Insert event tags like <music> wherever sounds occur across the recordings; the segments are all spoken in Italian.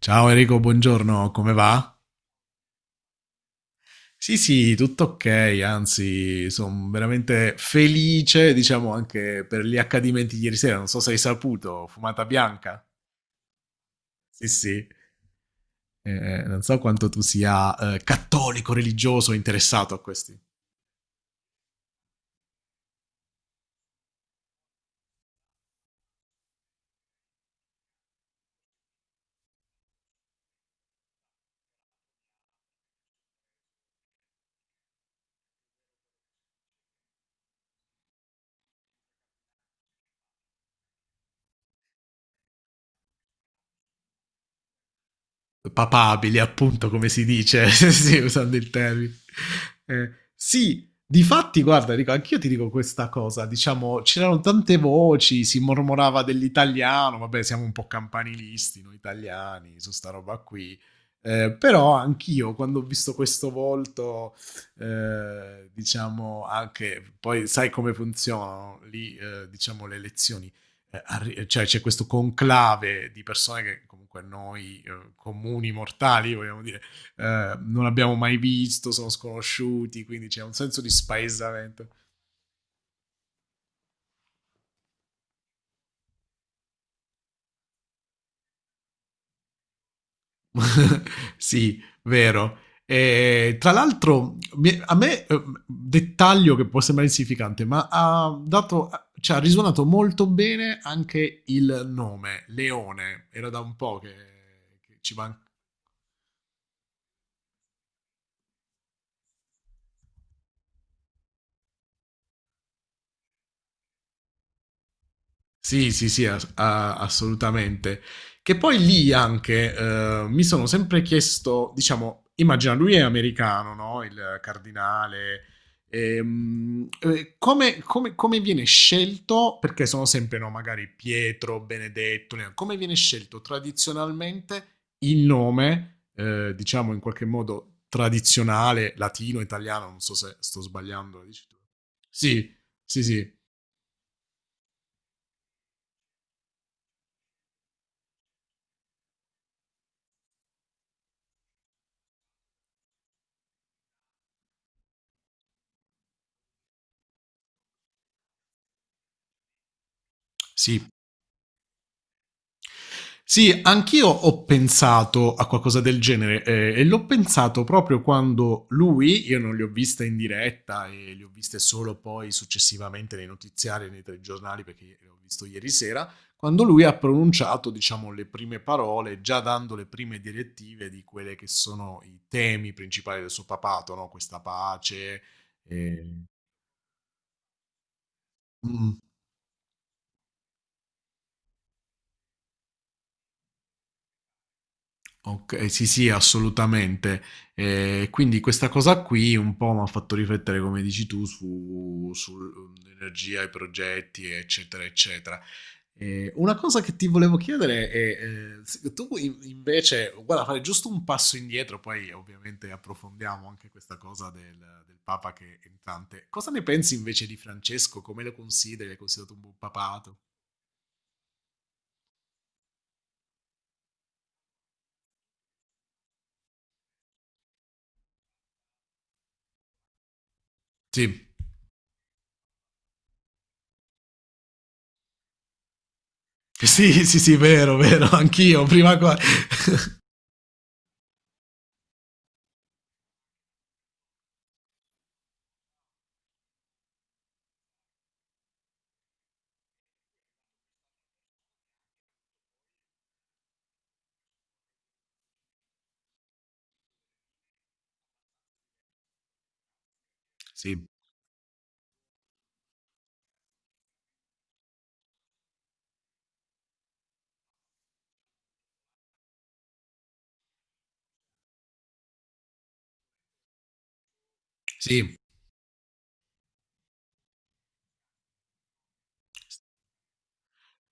Ciao Enrico, buongiorno, come va? Sì, sì, tutto ok, anzi, sono veramente felice, diciamo, anche per gli accadimenti di ieri sera. Non so se hai saputo, fumata bianca. Sì, sì. Non so quanto tu sia cattolico, religioso, interessato a questi. Papabili, appunto, come si dice, <laughs> sì, usando il termine. Sì, difatti, guarda, dico, anch'io ti dico questa cosa, diciamo, c'erano tante voci, si mormorava dell'italiano, vabbè, siamo un po' campanilisti noi italiani su sta roba qui, però anch'io quando ho visto questo volto, diciamo, anche, poi sai come funzionano lì, diciamo, le elezioni cioè c'è questo conclave di persone che comunque noi comuni mortali, vogliamo dire, non abbiamo mai visto, sono sconosciuti, quindi c'è un senso di spaesamento. <laughs> Sì, vero. E, tra l'altro, a me, dettaglio che può sembrare insignificante, ma ha dato, cioè, ha risuonato molto bene anche il nome, Leone. Era da un po' che ci mancava. Sì, sì, sì, assolutamente. Che poi lì anche mi sono sempre chiesto, diciamo, immagina lui è americano, no? Il cardinale. Come, come viene scelto? Perché sono sempre, no, magari Pietro, Benedetto, Leone, come viene scelto tradizionalmente il nome, diciamo in qualche modo tradizionale, latino, italiano, non so se sto sbagliando, dici tu. Sì, sì, sì. Sì, sì, anch'io ho pensato a qualcosa del genere e l'ho pensato proprio quando lui, io non li ho viste in diretta e li ho viste solo poi successivamente nei notiziari e nei telegiornali perché li ho visto ieri sera, quando lui ha pronunciato, diciamo, le prime parole, già dando le prime direttive di quelle che sono i temi principali del suo papato, no? Questa pace. eh, mm. Ok, sì, sì, assolutamente. Quindi questa cosa qui un po' mi ha fatto riflettere, come dici tu, su, sull'energia, i progetti, eccetera, eccetera. Una cosa che ti volevo chiedere è, se tu invece, guarda, fare giusto un passo indietro, poi ovviamente approfondiamo anche questa cosa del, del Papa che è entrante. Cosa ne pensi invece di Francesco? Come lo consideri? L'hai considerato un buon papato? Sì, sì, sì, sì, vero, vero, anch'io, prima qua. Sì, sì.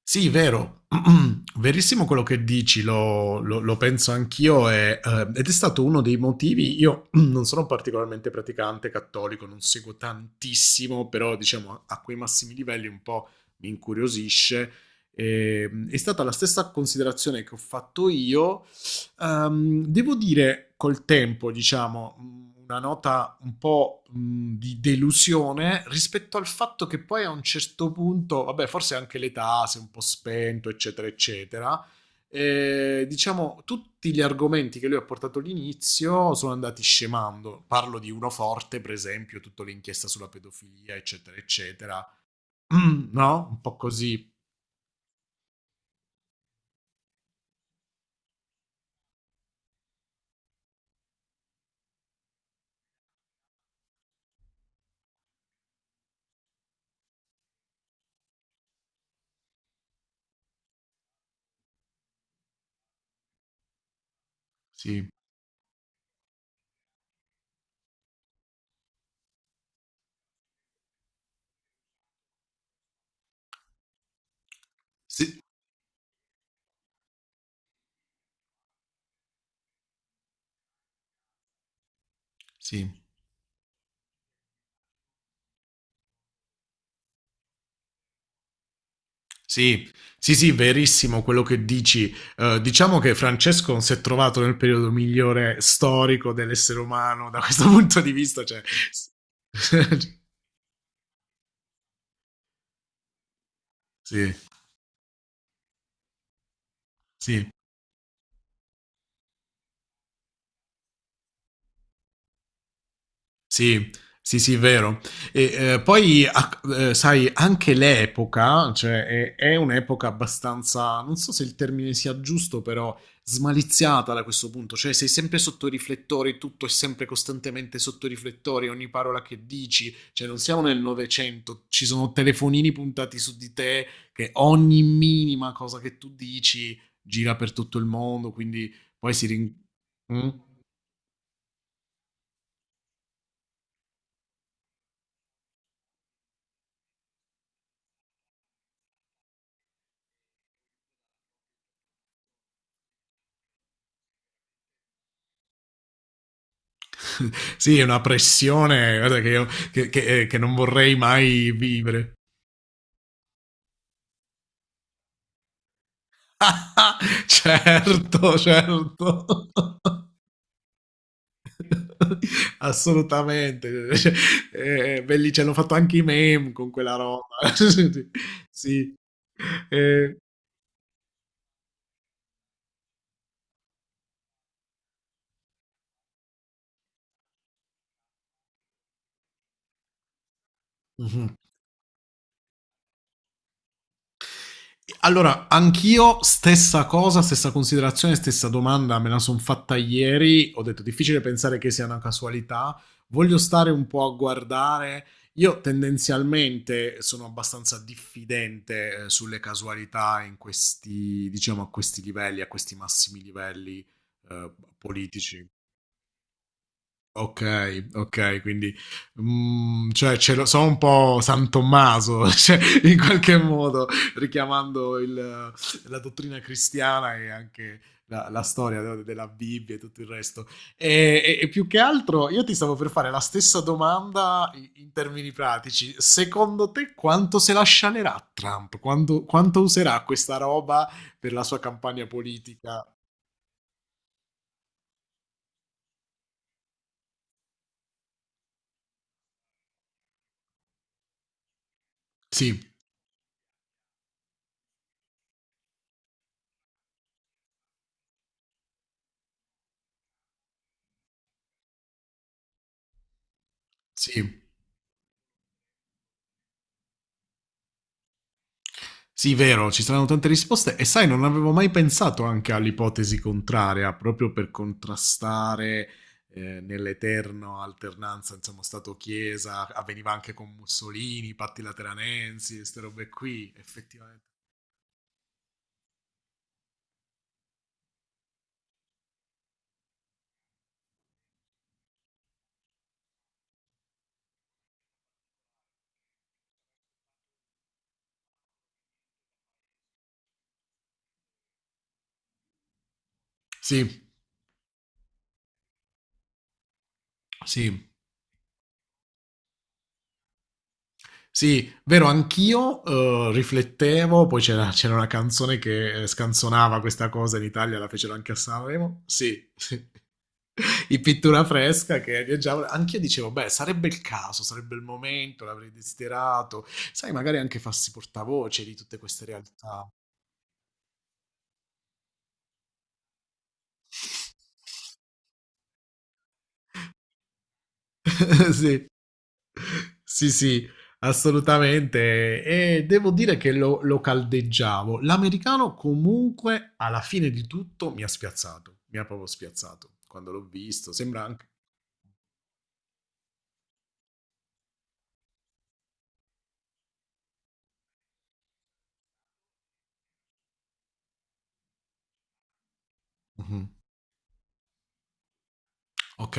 Sì, vero, <clears throat> verissimo quello che dici, lo penso anch'io e, ed è stato uno dei motivi, io <clears throat> non sono particolarmente praticante cattolico, non seguo tantissimo, però diciamo a quei massimi livelli un po' mi incuriosisce. E, è stata la stessa considerazione che ho fatto io. Devo dire col tempo, diciamo, mm, una nota un po' di delusione rispetto al fatto che poi a un certo punto, vabbè, forse anche l'età si è un po' spento, eccetera, eccetera. Diciamo, tutti gli argomenti che lui ha portato all'inizio sono andati scemando. Parlo di uno forte, per esempio, tutta l'inchiesta sulla pedofilia, eccetera, eccetera. <clears throat> No? Un po' così. Sì. Sì. Sì. Sì, sì, sì, verissimo quello che dici. Diciamo che Francesco non si è trovato nel periodo migliore storico dell'essere umano da questo <laughs> punto di vista. Cioè... <laughs> Sì, sì. Sì, sì, sì, vero. E, poi, sai, anche l'epoca, cioè, è un'epoca abbastanza, non so se il termine sia giusto, però smaliziata da questo punto. Cioè, sei sempre sotto i riflettori, tutto è sempre costantemente sotto i riflettori, ogni parola che dici. Cioè, non siamo nel Novecento, ci sono telefonini puntati su di te, che ogni minima cosa che tu dici gira per tutto il mondo, quindi poi si rin... Mm? <laughs> Sì, è una pressione guarda, che, io, che non vorrei mai vivere. <laughs> Certo, certo. <laughs> Assolutamente. Cioè, belli, ce l'hanno fatto anche i meme con quella roba. <laughs> Sì. Eh, mhm. Allora, anch'io stessa cosa, stessa considerazione, stessa domanda, me la sono fatta ieri, ho detto difficile pensare che sia una casualità, voglio stare un po' a guardare, io tendenzialmente sono abbastanza diffidente sulle casualità in questi, diciamo, a questi livelli, a questi massimi livelli eh, politici. Okay, okay, quindi, mhmm, cioè ce lo so un po' San Tommaso, <laughs> cioè in qualche modo richiamando il la dottrina cristiana e anche la storia no, de della Bibbia e tutto il resto. E più che altro io ti stavo per fare la stessa domanda i in termini pratici. Secondo te quanto se la scialerà Trump? Quando quanto userà questa roba per la sua campagna politica? Sì, sì. Sì, vero, ci saranno tante risposte e sai, non avevo mai pensato anche all'ipotesi contraria, proprio per contrastare nell'eterno alternanza, insomma, Stato-Chiesa, avveniva anche con Mussolini, patti lateranensi, queste robe qui, effettivamente. Sì, sì. Sì, vero, anch'io riflettevo, poi c'era una canzone che scanzonava questa cosa in Italia, la fecero anche a Sanremo. Sì, sì. <laughs> Di pittura fresca che viaggiavo. Anch'io dicevo, beh, sarebbe il caso, sarebbe il momento, l'avrei desiderato. Sai, magari anche farsi portavoce di tutte queste realtà. <laughs> Sì, sì, sì, assolutamente. E devo dire che lo caldeggiavo. L'americano comunque, alla fine di tutto, mi ha spiazzato. Mi ha proprio spiazzato quando l'ho visto. Sembra anche... Mhm. Ok.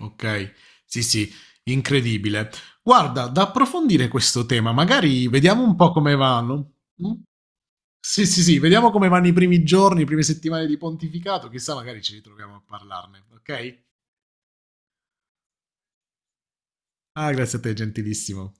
Okay. Sì, sì, incredibile. Guarda, da approfondire questo tema, magari vediamo un po' come vanno. Mh? Sì, sì, sì, vediamo come vanno i primi giorni, le prime settimane di pontificato, chissà magari ci ritroviamo a parlarne, okay? Ah, grazie a te, gentilissimo.